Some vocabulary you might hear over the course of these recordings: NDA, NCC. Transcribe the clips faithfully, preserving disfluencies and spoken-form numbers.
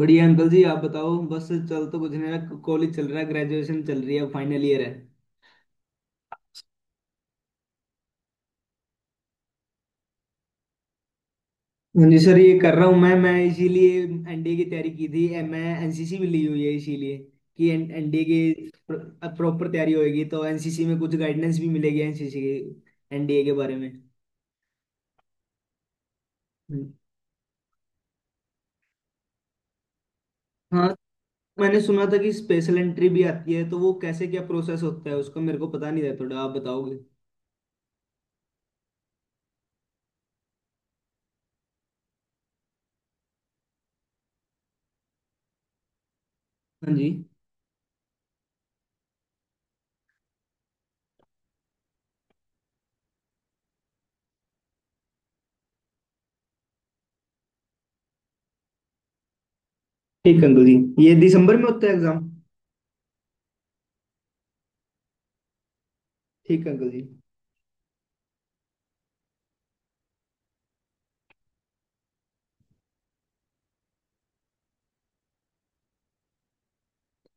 बढ़िया अंकल जी। आप बताओ। बस चल तो कुछ नहीं रहा, कॉलेज चल रहा है, ग्रेजुएशन चल रही है, फाइनल ईयर है। हाँ जी सर, ये कर रहा हूँ। मैं मैं इसीलिए एन डी ए की तैयारी की थी। ए, मैं एन सी सी भी ली हुई है, इसीलिए कि एन डी ए की प्रॉपर तैयारी होगी तो एन सी सी में कुछ गाइडेंस भी मिलेगी, एन सी सी के एन डी ए के बारे में। हम्म। हाँ, मैंने सुना था कि स्पेशल एंट्री भी आती है, तो वो कैसे, क्या प्रोसेस होता है उसका, मेरे को पता नहीं था, थोड़ा आप बताओगे। हाँ जी। ठीक अंकल जी। ये दिसंबर में होता है एग्जाम? ठीक अंकल जी, ठीक।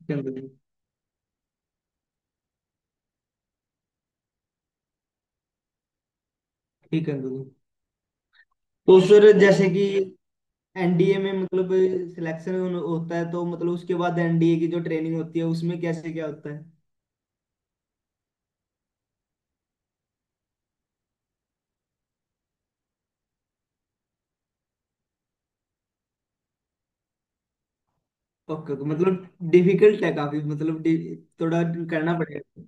अंकल जी ठीक है अंकल। तो सर, जैसे कि एन डी ए में मतलब सिलेक्शन होता है, तो मतलब उसके बाद एन डी ए की जो ट्रेनिंग होती है उसमें कैसे क्या होता है? ओके ओके, मतलब डिफिकल्ट है काफी, मतलब डि- थोड़ा करना पड़ेगा।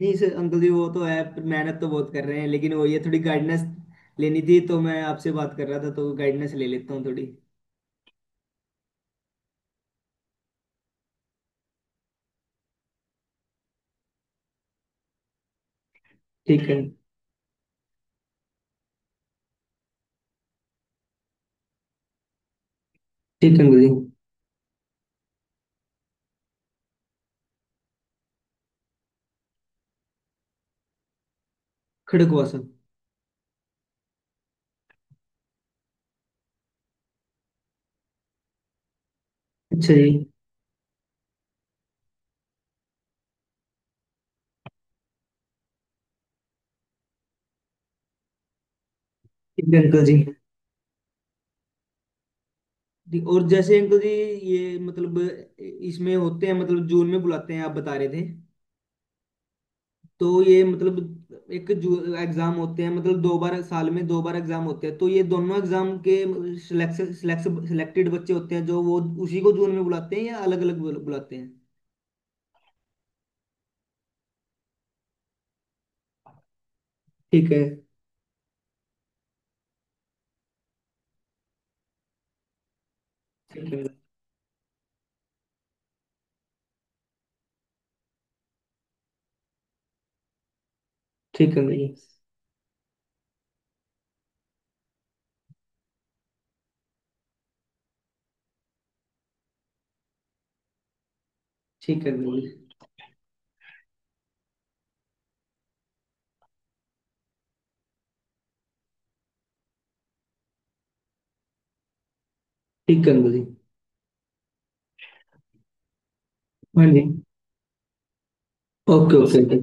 नहीं सर, अंकल जी वो तो है, पर मेहनत तो बहुत कर रहे हैं, लेकिन वो ये थोड़ी गाइडेंस लेनी थी तो मैं आपसे बात कर रहा था, तो गाइडेंस ले लेता हूँ थोड़ी। ठीक है। ठीक है अंकल जी। खड़क हुआ सर? अच्छा जी। ठीक है अंकल जी। जी, और जैसे अंकल जी ये मतलब इसमें होते हैं, मतलब जून में बुलाते हैं आप बता रहे थे, तो ये मतलब एक जू एग्जाम होते हैं, मतलब दो बार साल में, दो बार एग्जाम होते हैं, तो ये दोनों एग्जाम के सिलेक्टेड बच्चे होते हैं जो वो उसी को जून में बुलाते हैं या अलग अलग बुलाते हैं? ठीक है। ठीक है। ठीक है अंकल जी। ठीक है अंकल जी। ठीक है अंकल जी। हाँ जी। Okay okay.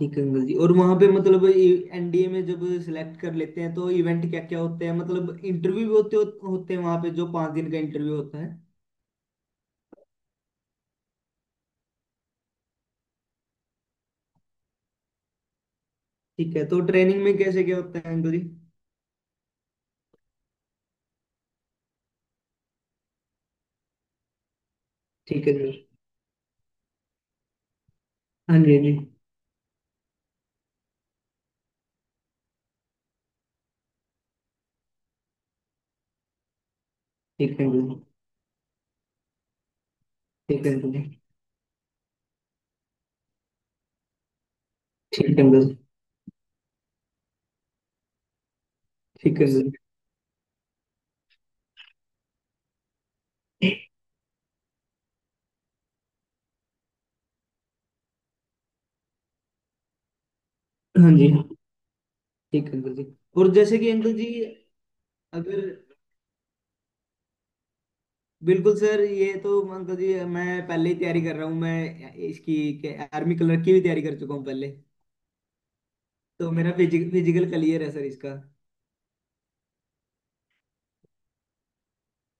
ठीक है अंकल जी। और वहां पे मतलब एन डी ए में जब सिलेक्ट कर लेते हैं तो इवेंट क्या क्या होते हैं? मतलब इंटरव्यू भी होते, होते हैं वहां पे जो पांच दिन का इंटरव्यू होता है। ठीक है, तो ट्रेनिंग में कैसे क्या होता है अंकल जी? ठीक है अंकल जी। हाँ जी जी। ठीक है अंकल जी। ठीक है अंकल जी। ठीक है अंकल जी। ठीक है अंकल जी। हाँ जी। ठीक है अंकल जी। और जैसे कि अंकल जी, अगर बिल्कुल सर, ये तो अंकल जी मैं पहले ही तैयारी कर रहा हूँ मैं इसकी। आर्मी कलर की भी तैयारी कर चुका हूँ पहले। तो मेरा फिजिकल क्लियर है सर इसका।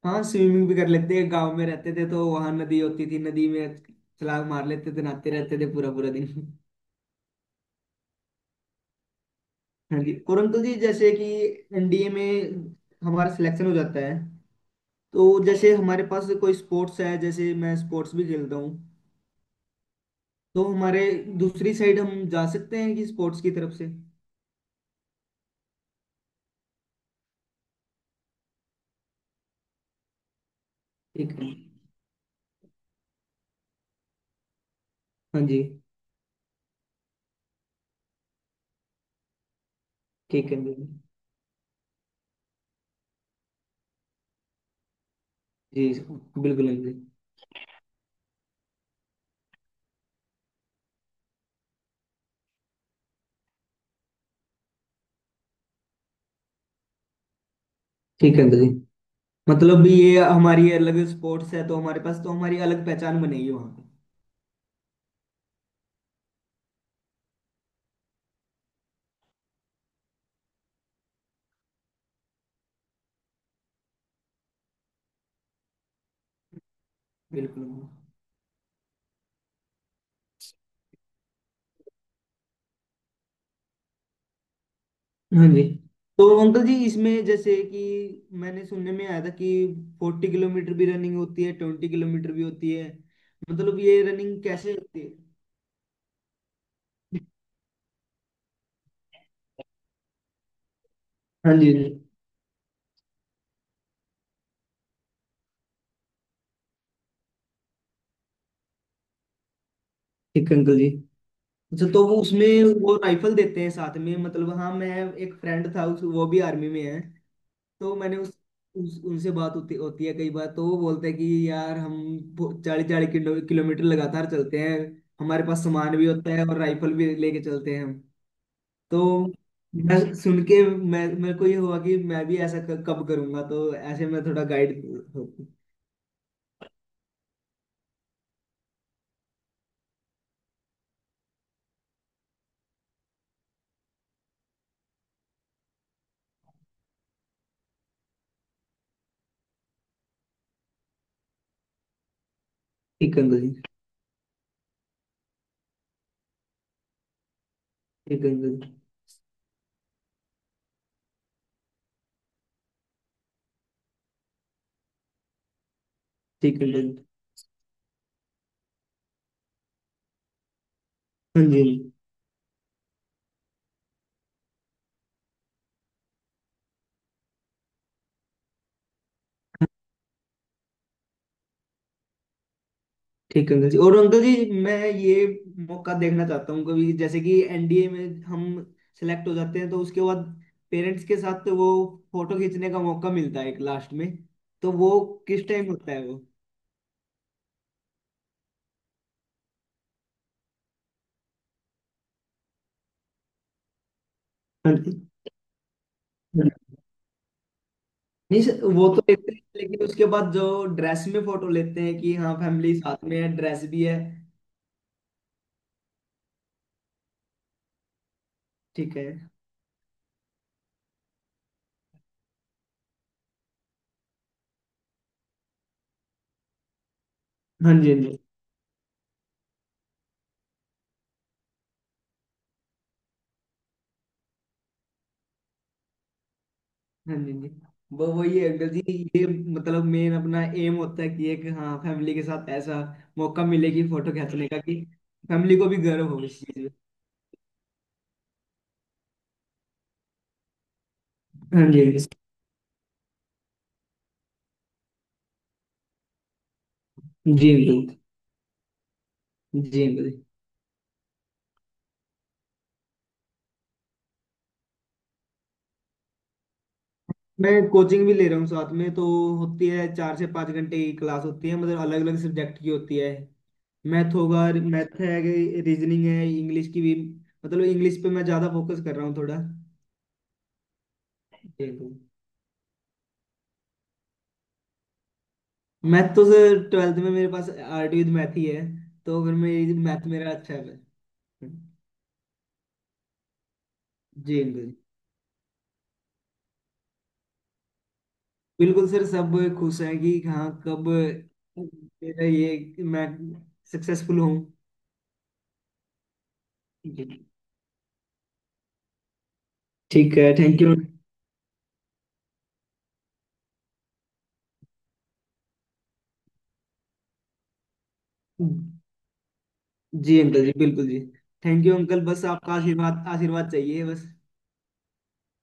हाँ, स्विमिंग भी कर लेते हैं, गांव में रहते थे तो वहां नदी होती थी, नदी में छलांग मार लेते थे, नहाते रहते थे पूरा पूरा दिन हाँ जी, परंतु जी जैसे कि एनडीए में हमारा सिलेक्शन हो जाता है, तो जैसे हमारे पास कोई स्पोर्ट्स है, जैसे मैं स्पोर्ट्स भी खेलता हूँ, तो हमारे दूसरी साइड हम जा सकते हैं कि स्पोर्ट्स की तरफ से? ठीक है। हाँ जी। ठीक है अंकल जी। जी बिल्कुल अंकल जी। ठीक है अंकल जी। मतलब ये हमारी अलग स्पोर्ट्स है तो हमारे पास, तो हमारी अलग पहचान बनेगी वहाँ पे। बिल्कुल अंकल। हाँ जी। तो अंकल जी, इसमें जैसे कि मैंने सुनने में आया था कि फोर्टी किलोमीटर भी रनिंग होती है, ट्वेंटी किलोमीटर भी होती है, मतलब ये रनिंग कैसे होती है? हाँ जी हाँ जी। ठीक है अंकल जी। अच्छा, तो वो उसमें वो राइफल देते हैं साथ में? मतलब हाँ, मैं एक फ्रेंड था उस, वो भी आर्मी में है, तो मैंने उस, उस उनसे बात होती होती है कई बार, तो वो बोलते हैं कि यार हम चालीस चालीस किलो, किलोमीटर लगातार चलते हैं, हमारे पास सामान भी होता है और राइफल भी लेके चलते हैं हम। तो मैं सुन के, मैं मेरे को ये हुआ कि मैं भी ऐसा क- कब करूंगा, तो ऐसे मैं थोड़ा गाइड। ठीक है अंकल जी। ठीक है अंकल जी। ठीक है अंकल जी। हाँ जी। ठीक है अंकल जी। और अंकल जी मैं ये मौका देखना चाहता हूँ कभी, जैसे कि एनडीए में हम सेलेक्ट हो जाते हैं तो उसके बाद पेरेंट्स के साथ, तो वो फोटो खींचने का मौका मिलता है एक लास्ट में, तो वो किस टाइम होता है वो? हाँ जी। नहीं सर, वो तो लेते हैं, लेकिन उसके बाद जो ड्रेस में फोटो लेते हैं कि हाँ फैमिली साथ में है, ड्रेस भी है। ठीक है। हाँ जी हाँ जी। हाँ जी जी। वो वही है अंकल जी, ये मतलब मेन अपना एम होता है कि एक हाँ फैमिली के साथ ऐसा मौका मिले कि फोटो खींचने का, कि फैमिली को भी गर्व हो इस चीज में। हाँ जी uncle. Ji uncle ji. Uncle ji, मैं कोचिंग भी ले रहा हूँ साथ में, तो होती है, चार से पाँच घंटे की क्लास होती है, मतलब अलग अलग सब्जेक्ट की होती है। मैथ होगा, मैथ है, रीजनिंग है, इंग्लिश की भी। मतलब इंग्लिश पे मैं ज्यादा फोकस कर रहा हूँ थोड़ा। जी अंकल। मैथ तो सर, ट्वेल्थ में मेरे पास आर्ट विद मैथ ही है, तो फिर मेरी मैथ मेरा अच्छा है। जी बिल्कुल। बिल्कुल सर, सब खुश हैं कि हाँ, कब मेरा ये मैं सक्सेसफुल हूँ। जी। ठीक है, थैंक यू। जी अंकल जी बिल्कुल जी। थैंक यू अंकल, बस आपका आशीर्वाद, आशीर्वाद चाहिए बस।